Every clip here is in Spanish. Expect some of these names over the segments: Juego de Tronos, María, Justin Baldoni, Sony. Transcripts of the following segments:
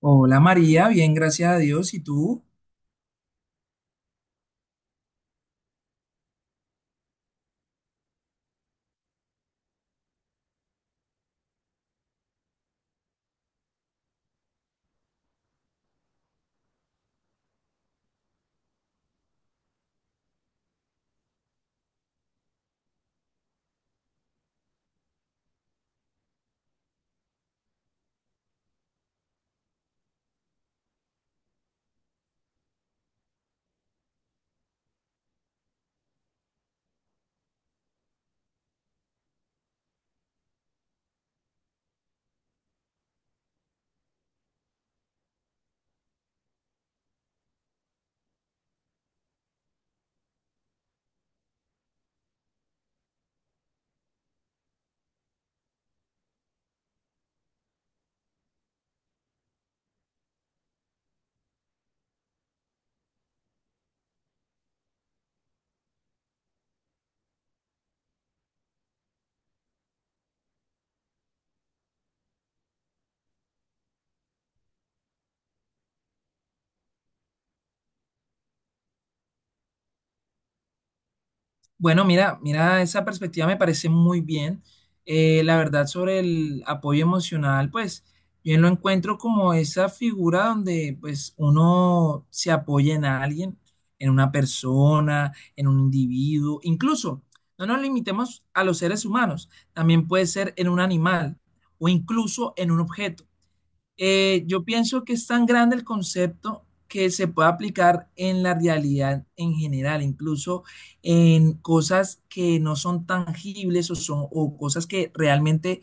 Hola María, bien, gracias a Dios. ¿Y tú? Bueno, mira, mira, esa perspectiva me parece muy bien. La verdad sobre el apoyo emocional, pues yo lo encuentro como esa figura donde pues uno se apoya en alguien, en una persona, en un individuo. Incluso, no nos limitemos a los seres humanos, también puede ser en un animal o incluso en un objeto. Yo pienso que es tan grande el concepto que se puede aplicar en la realidad en general, incluso en cosas que no son tangibles o cosas que realmente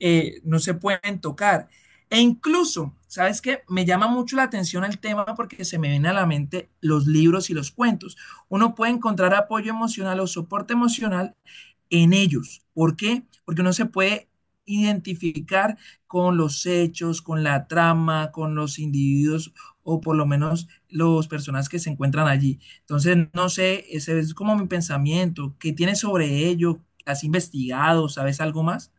no se pueden tocar. E incluso, ¿sabes qué? Me llama mucho la atención el tema porque se me vienen a la mente los libros y los cuentos. Uno puede encontrar apoyo emocional o soporte emocional en ellos. ¿Por qué? Porque uno se puede identificar con los hechos, con la trama, con los individuos o por lo menos los personas que se encuentran allí. Entonces, no sé, ese es como mi pensamiento. ¿Qué tienes sobre ello? ¿Has investigado? ¿Sabes algo más?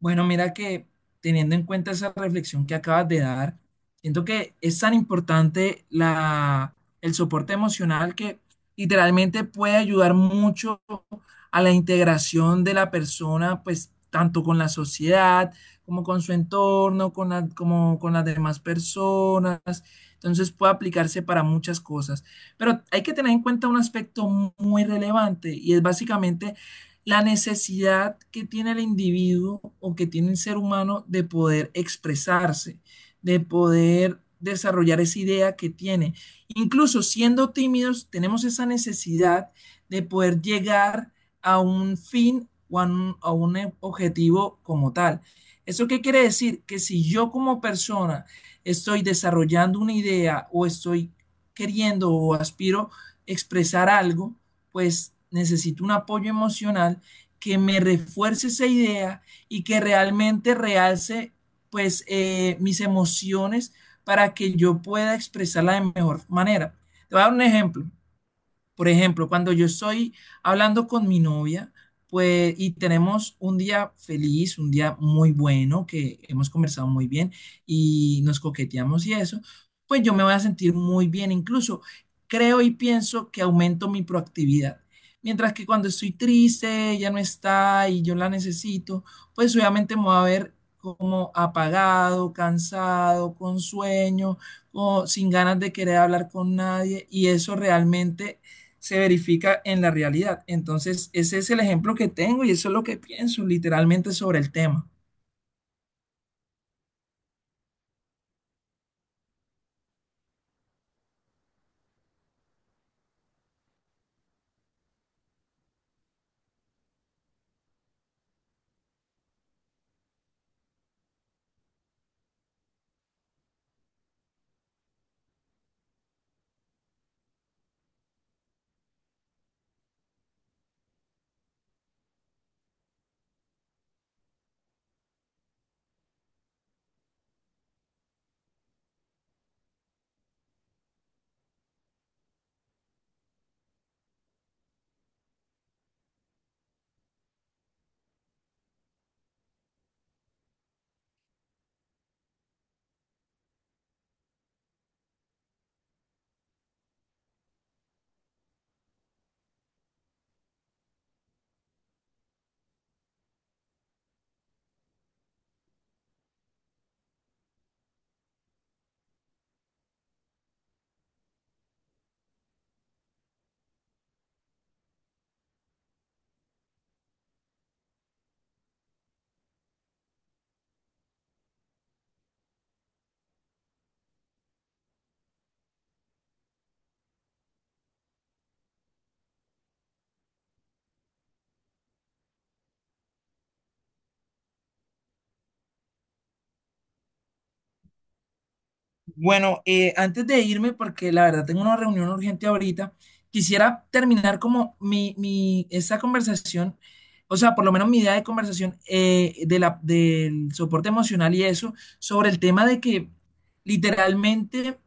Bueno, mira que teniendo en cuenta esa reflexión que acabas de dar, siento que es tan importante el soporte emocional que literalmente puede ayudar mucho a la integración de la persona, pues tanto con la sociedad como con su entorno, con como con las demás personas. Entonces puede aplicarse para muchas cosas. Pero hay que tener en cuenta un aspecto muy relevante y es básicamente la necesidad que tiene el individuo o que tiene el ser humano de poder expresarse, de poder desarrollar esa idea que tiene. Incluso siendo tímidos, tenemos esa necesidad de poder llegar a un fin o a a un objetivo como tal. ¿Eso qué quiere decir? Que si yo como persona estoy desarrollando una idea o estoy queriendo o aspiro expresar algo, pues necesito un apoyo emocional que me refuerce esa idea y que realmente realce pues mis emociones para que yo pueda expresarla de mejor manera. Te voy a dar un ejemplo. Por ejemplo, cuando yo estoy hablando con mi novia, pues, y tenemos un día feliz, un día muy bueno, que hemos conversado muy bien y nos coqueteamos y eso, pues yo me voy a sentir muy bien. Incluso creo y pienso que aumento mi proactividad. Mientras que cuando estoy triste, ella no está y yo la necesito, pues obviamente me voy a ver como apagado, cansado, con sueño, o sin ganas de querer hablar con nadie y eso realmente se verifica en la realidad. Entonces, ese es el ejemplo que tengo y eso es lo que pienso literalmente sobre el tema. Bueno, antes de irme, porque la verdad tengo una reunión urgente ahorita, quisiera terminar como mi esta conversación, o sea, por lo menos mi idea de conversación de del soporte emocional y eso, sobre el tema de que literalmente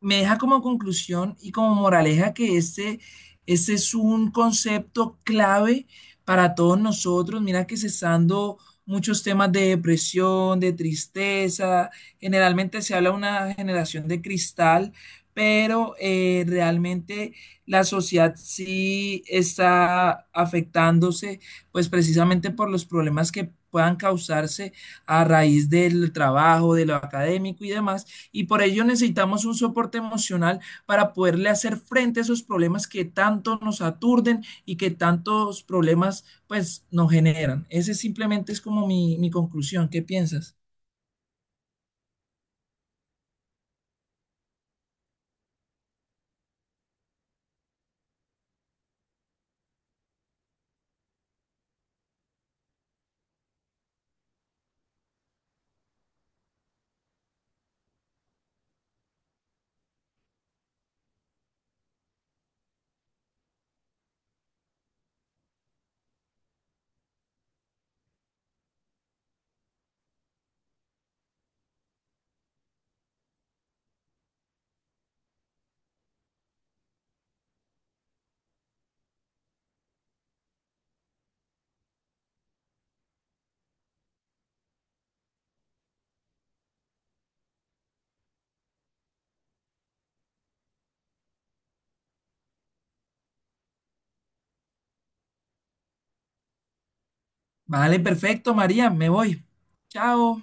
me deja como conclusión y como moraleja que ese es un concepto clave para todos nosotros. Mira que cesando muchos temas de depresión, de tristeza, generalmente se habla de una generación de cristal, pero realmente la sociedad sí está afectándose, pues precisamente por los problemas que puedan causarse a raíz del trabajo, de lo académico y demás. Y por ello necesitamos un soporte emocional para poderle hacer frente a esos problemas que tanto nos aturden y que tantos problemas pues nos generan. Ese simplemente es como mi conclusión. ¿Qué piensas? Vale, perfecto, María, me voy. Chao.